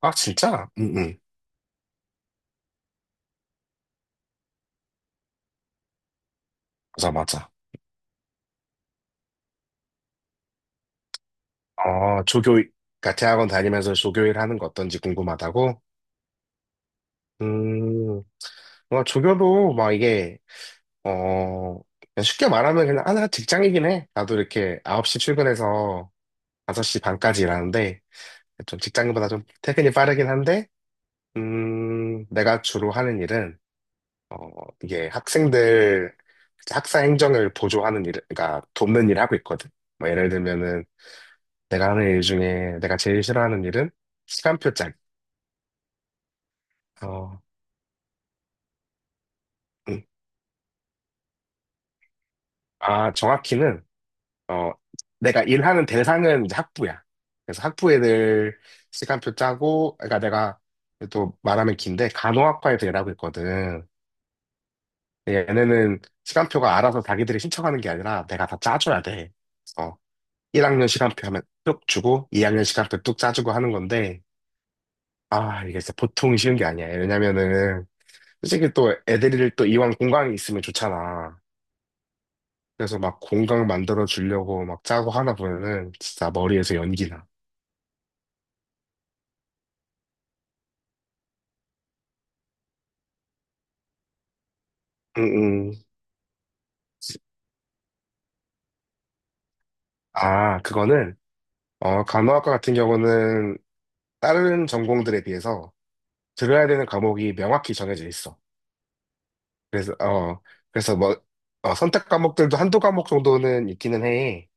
아, 진짜? 응, 응. 맞아, 맞아. 어, 조교, 그러니까 대학원 다니면서 조교 일 하는 거 어떤지 궁금하다고? 음, 뭐, 조교도 막 이게, 그냥 쉽게 말하면 그냥 하나 직장이긴 해. 나도 이렇게 9시 출근해서 5시 반까지 일하는데, 좀 직장인보다 좀 퇴근이 빠르긴 한데, 내가 주로 하는 일은, 어, 이게 학생들, 학사 행정을 보조하는 일, 그러니까 돕는 일 하고 있거든. 뭐 예를 들면은, 내가 하는 일 중에 내가 제일 싫어하는 일은 시간표 짤. 어, 음. 아, 정확히는, 어, 내가 일하는 대상은 이제 학부야. 그래서 학부 애들 시간표 짜고, 그러니까 내가 또 말하면 긴데, 간호학과 에서 일하고 있거든. 근데 얘네는 시간표가 알아서 자기들이 신청하는 게 아니라 내가 다 짜줘야 돼. 어, 1학년 시간표 하면 뚝 주고, 2학년 시간표 뚝 짜주고 하는 건데, 아, 이게 진짜 보통 쉬운 게 아니야. 왜냐면은, 솔직히 또 애들이 또 이왕 공강이 있으면 좋잖아. 그래서 막 공강 만들어 주려고 막 짜고 하나 보면은 진짜 머리에서 연기 나. 응응. 아, 그거는 간호학과 같은 경우는 다른 전공들에 비해서 들어야 되는 과목이 명확히 정해져 있어. 그래서 어, 그래서 뭐 선택 과목들도 한두 과목 정도는 있기는 해.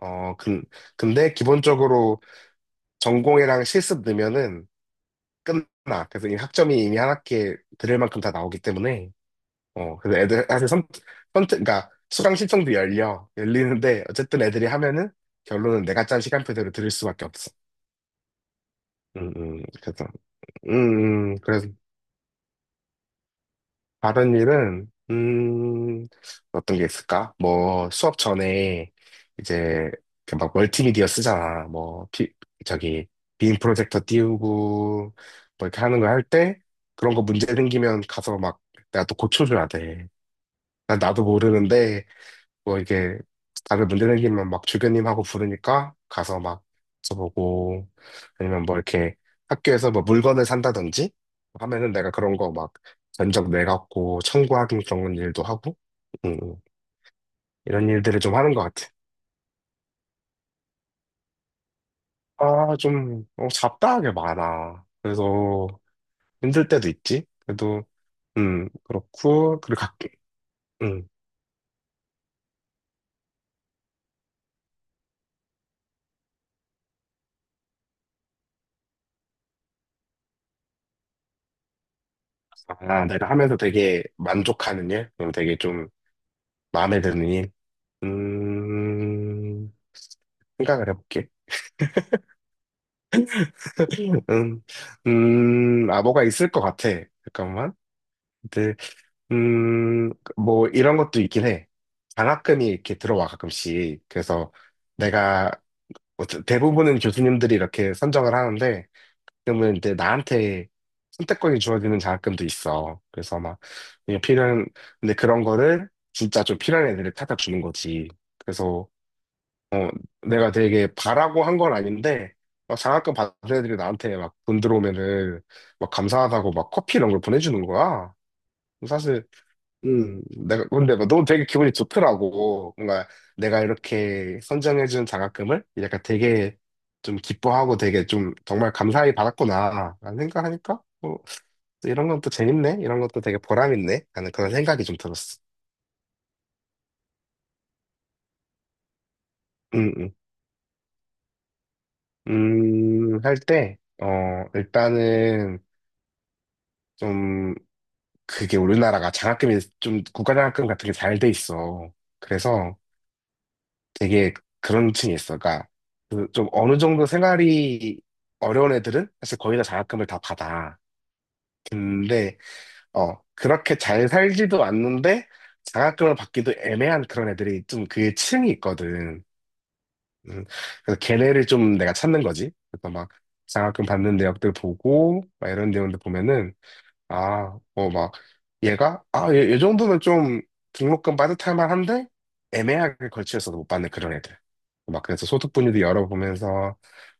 어, 근데 기본적으로 전공이랑 실습 넣으면은 끝나. 그래서 이 학점이 이미 한 학기에 들을 만큼 다 나오기 때문에 그래서 애들 사실 선택, 그러니까 수강 신청도 열려 열리는데 어쨌든 애들이 하면은 결론은 내가 짠 시간표대로 들을 수밖에 없어. 그래서 그래서 다른 일은 어떤 게 있을까? 뭐 수업 전에 이제 그막 멀티미디어 쓰잖아. 뭐 피, 저기 빔 프로젝터 띄우고 뭐 이렇게 하는 거 할 때 그런 거 문제 생기면 가서 막 내가 또 고쳐줘야 돼. 난 나도 모르는데 뭐 이게 다들 문제생기면 막 주교님하고 부르니까 가서 막 써보고 아니면 뭐 이렇게 학교에서 뭐 물건을 산다든지 하면은 내가 그런 거 막 견적 내갖고 청구하는 그런 일도 하고 음, 이런 일들을 좀 하는 것 같아. 아, 좀 어, 잡다하게 많아. 그래서 힘들 때도 있지. 그래도 그렇고 그리고 각, 음, 아, 내가 하면서 되게 만족하는 일, 그리고 되게 좀 마음에 드는 일. 음, 생각을 해볼게. 음, 아, 뭐가 있을 것 같아. 잠깐만. 근데, 음, 뭐, 이런 것도 있긴 해. 장학금이 이렇게 들어와, 가끔씩. 그래서 내가, 뭐 대부분은 교수님들이 이렇게 선정을 하는데, 그러면 이제 나한테 선택권이 주어지는 장학금도 있어. 그래서 막, 이게 필요한, 근데 그런 거를 진짜 좀 필요한 애들을 찾아 주는 거지. 그래서 내가 되게 바라고 한 건 아닌데 막 장학금 받은 애들이 나한테 막 돈 들어오면은 막 감사하다고 막 커피 이런 걸 보내주는 거야. 사실 내가 근데 막 너무 되게 기분이 좋더라고. 뭔가 내가 이렇게 선정해준 장학금을 약간 되게 좀 기뻐하고 되게 좀 정말 감사히 받았구나 라는 생각하니까 뭐 또 이런 건 또 재밌네 이런 것도 되게 보람 있네 하는 그런 생각이 좀 들었어. 음, 음. 할 때, 일단은 좀 그게 우리나라가 장학금이 좀 국가장학금 같은 게 잘 돼 있어. 그래서 되게 그런 층이 있어. 그러니까 그좀 어느 정도 생활이 어려운 애들은 사실 거의 다 장학금을 다 받아. 근데 어 그렇게 잘 살지도 않는데 장학금을 받기도 애매한 그런 애들이 좀 그 층이 있거든. 음, 그래서 걔네를 좀 내가 찾는 거지. 그래서 막 장학금 받는 대학들 보고 막 이런 내용들 보면은 아, 어, 막, 얘가, 아, 얘 정도는 좀 등록금 빠듯할 만한데, 애매하게 걸치여서 못 받는 그런 애들. 막, 그래서 소득 분위기 열어보면서,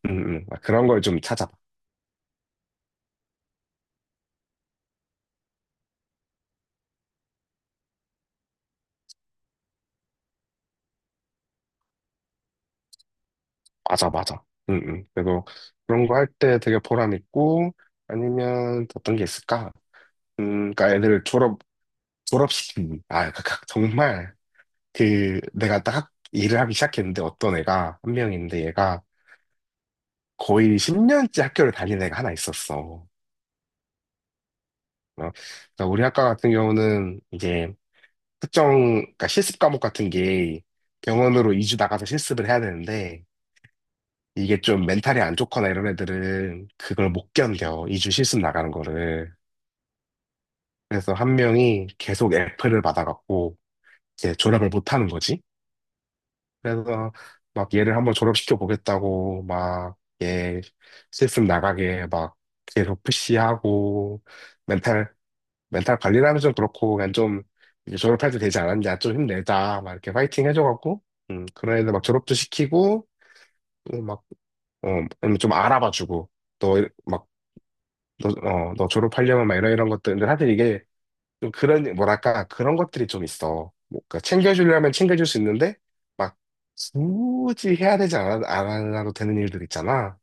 막 그런 걸 좀 찾아봐. 맞아, 맞아. 그래도 그런 거 할 때 되게 보람 있고, 아니면 어떤 게 있을까? 그러니까 애들 졸업, 졸업시키기. 아, 정말, 그, 내가 딱 일을 하기 시작했는데, 어떤 애가, 한 명인데, 얘가 거의 10년째 학교를 다니는 애가 하나 있었어. 어, 그러니까 우리 학과 같은 경우는 이제 특정, 그러니까 실습 과목 같은 게 병원으로 2주 나가서 실습을 해야 되는데 이게 좀 멘탈이 안 좋거나 이런 애들은 그걸 못 견뎌. 2주 실습 나가는 거를. 그래서 한 명이 계속 F를 받아갖고 이제 졸업을 못 하는 거지. 그래서 막 얘를 한번 졸업시켜 보겠다고 막 얘 실습 나가게 막 계속 푸시하고 멘탈 관리를 하면서 그렇고 그냥 좀 이제 졸업할 때 되지 않았냐 좀 힘내자 막 이렇게 파이팅 해줘갖고 그런 애들 막 졸업도 시키고 막어좀 알아봐주고 너막너어너 졸업하려면 막 이런 이런 것들 근데 사실 이게 좀 그런 뭐랄까 그런 것들이 좀 있어 뭐, 그러니까 챙겨주려면 챙겨줄 수 있는데 막 굳이 해야 되지 않아 안 하도 되는 일들 있잖아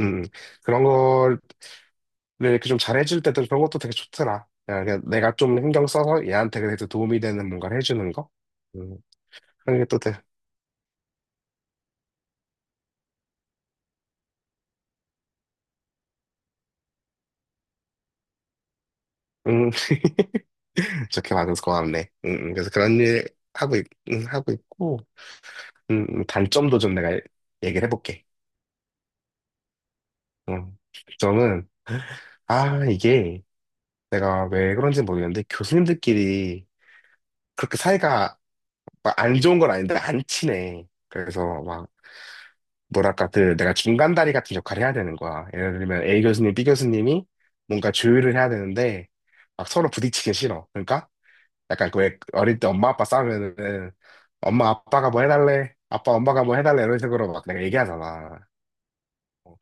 음 음. 그런 걸 근데 이렇게 좀 잘해줄 때도 그런 것도 되게 좋더라. 야, 그냥 내가 좀 신경 써서 얘한테 그래도 도움이 되는 뭔가를 해주는 거? 음, 그런 게 또 돼. 음, 좋게 봐줘서 고맙네. 그래서 그런 일 하고, 있, 하고 있고, 단점도 좀 내가 얘기를 해볼게. 음, 점은, 아, 이게 내가 왜 그런지 모르겠는데 교수님들끼리 그렇게 사이가 막 안 좋은 건 아닌데 안 친해. 그래서 뭐랄까, 그 내가 중간다리 같은 역할을 해야 되는 거야. 예를 들면 A 교수님, B 교수님이 뭔가 조율을 해야 되는데 막 서로 부딪히기 싫어. 그러니까 약간 그왜 어릴 때 엄마 아빠 싸우면은 엄마 아빠가 뭐 해달래? 아빠 엄마가 뭐 해달래? 이런 식으로 막 내가 얘기하잖아. 어.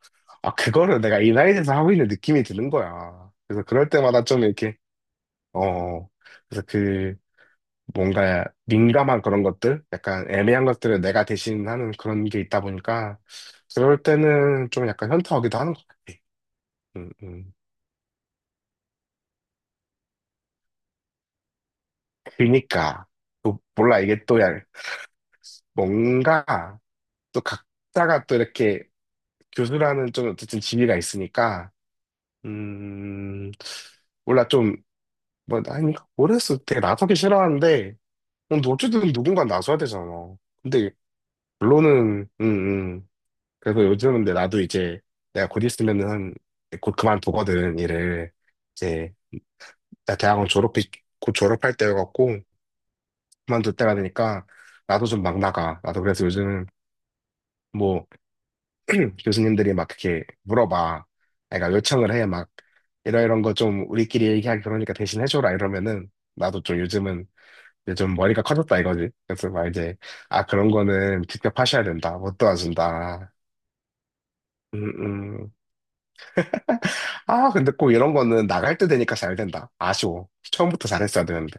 아, 그거를 내가 이 나이에서 하고 있는 느낌이 드는 거야. 그래서 그럴 때마다 좀 이렇게, 어, 어. 그래서 그 뭔가 민감한 그런 것들, 약간 애매한 것들을 내가 대신하는 그런 게 있다 보니까 그럴 때는 좀 약간 현타오기도 하는 것 같아. 음, 음. 그니까 또 몰라 이게 또 뭔가 또 각자가 또 이렇게 교수라는 좀 어쨌든 지위가 있으니까 음 몰라 좀뭐 아니 모르겠어 되게 나서기 싫어하는데 어, 근데 어쨌든 누군가 나서야 되잖아. 근데 결론은 음. 그래서 요즘 근데 나도 이제 내가 곧 있으면은 곧 그만두거든 일을 이제 나 대학원 졸업이 곧 졸업할 때여갖고 그만둘 때가 되니까 나도 좀 막 나가 나도 그래서 요즘 뭐 교수님들이 막 이렇게 물어봐 그러니까 요청을 해 막 이러이런 거 좀 우리끼리 얘기하기 그러니까 대신 해줘라 이러면은 나도 좀 요즘은 이제 좀 머리가 커졌다 이거지 그래서 막 이제 아 그런 거는 직접 하셔야 된다 못 도와준다 음, 음. 아, 근데 꼭 이런 거는 나갈 때 되니까 잘 된다. 아쉬워. 처음부터 잘했어야 되는데.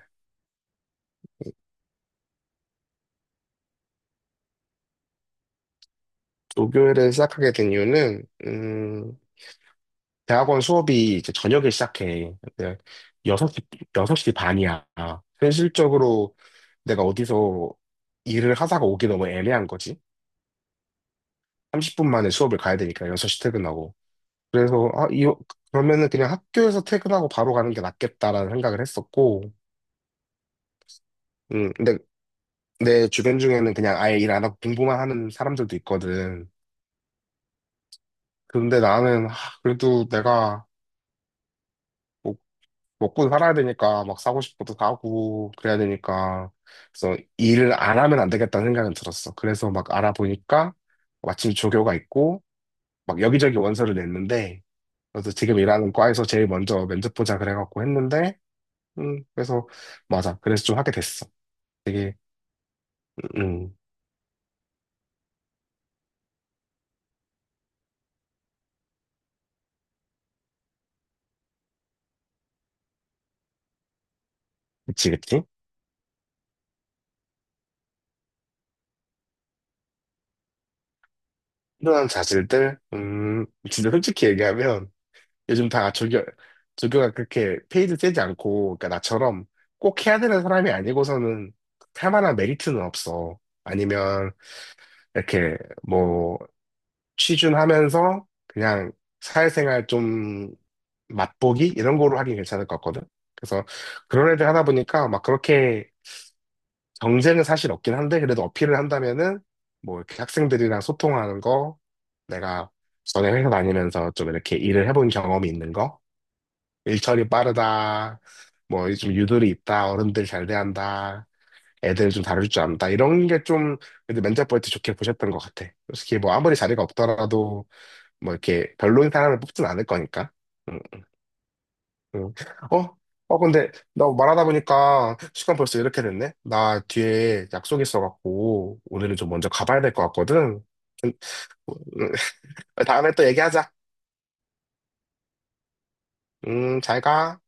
조교를 시작하게 된 이유는, 대학원 수업이 이제 저녁에 시작해. 근데 6시, 여섯 시 반이야. 현실적으로 내가 어디서 일을 하다가 오기 너무 애매한 거지. 30분 만에 수업을 가야 되니까 6시 퇴근하고. 그래서, 아, 이, 그러면은 그냥 학교에서 퇴근하고 바로 가는 게 낫겠다라는 생각을 했었고, 근데 내 주변 중에는 그냥 아예 일 안 하고 공부만 하는 사람들도 있거든. 근데 나는, 하, 그래도 내가 뭐 먹고 살아야 되니까 막 사고 싶은 것도 사고 그래야 되니까. 그래서 일을 안 하면 안 되겠다는 생각은 들었어. 그래서 막 알아보니까 마침 조교가 있고 막 여기저기 원서를 냈는데 그래서 지금 일하는 과에서 제일 먼저 면접 보자 그래갖고 했는데 그래서 맞아. 그래서 좀 하게 됐어. 되게, 음, 음. 그치, 그치? 필요한 자질들, 진짜 솔직히 얘기하면 요즘 다 조교, 조교가 그렇게 페이드 세지 않고, 그러니까 나처럼 꼭 해야 되는 사람이 아니고서는 할 만한 메리트는 없어. 아니면 이렇게 뭐 취준하면서 그냥 사회생활 좀 맛보기 이런 거로 하긴 괜찮을 것 같거든. 그래서 그런 애들 하다 보니까 막 그렇게 경쟁은 사실 없긴 한데 그래도 어필을 한다면은 뭐 이렇게 학생들이랑 소통하는 거, 내가 전에 회사 다니면서 좀 이렇게 일을 해본 경험이 있는 거. 일처리 빠르다. 뭐, 좀 유도리 있다. 어른들 잘 대한다. 애들 좀 다룰 줄 안다. 이런 게 좀, 그래도 면접 볼 때 좋게 보셨던 것 같아. 솔직히 뭐, 아무리 자리가 없더라도, 뭐, 이렇게 별로인 사람을 뽑진 않을 거니까. 응, 응. 어? 어, 근데, 나 말하다 보니까 시간 벌써 이렇게 됐네? 나 뒤에 약속 있어갖고, 오늘은 좀 먼저 가봐야 될 것 같거든. 다음에 또 얘기하자. 잘 가.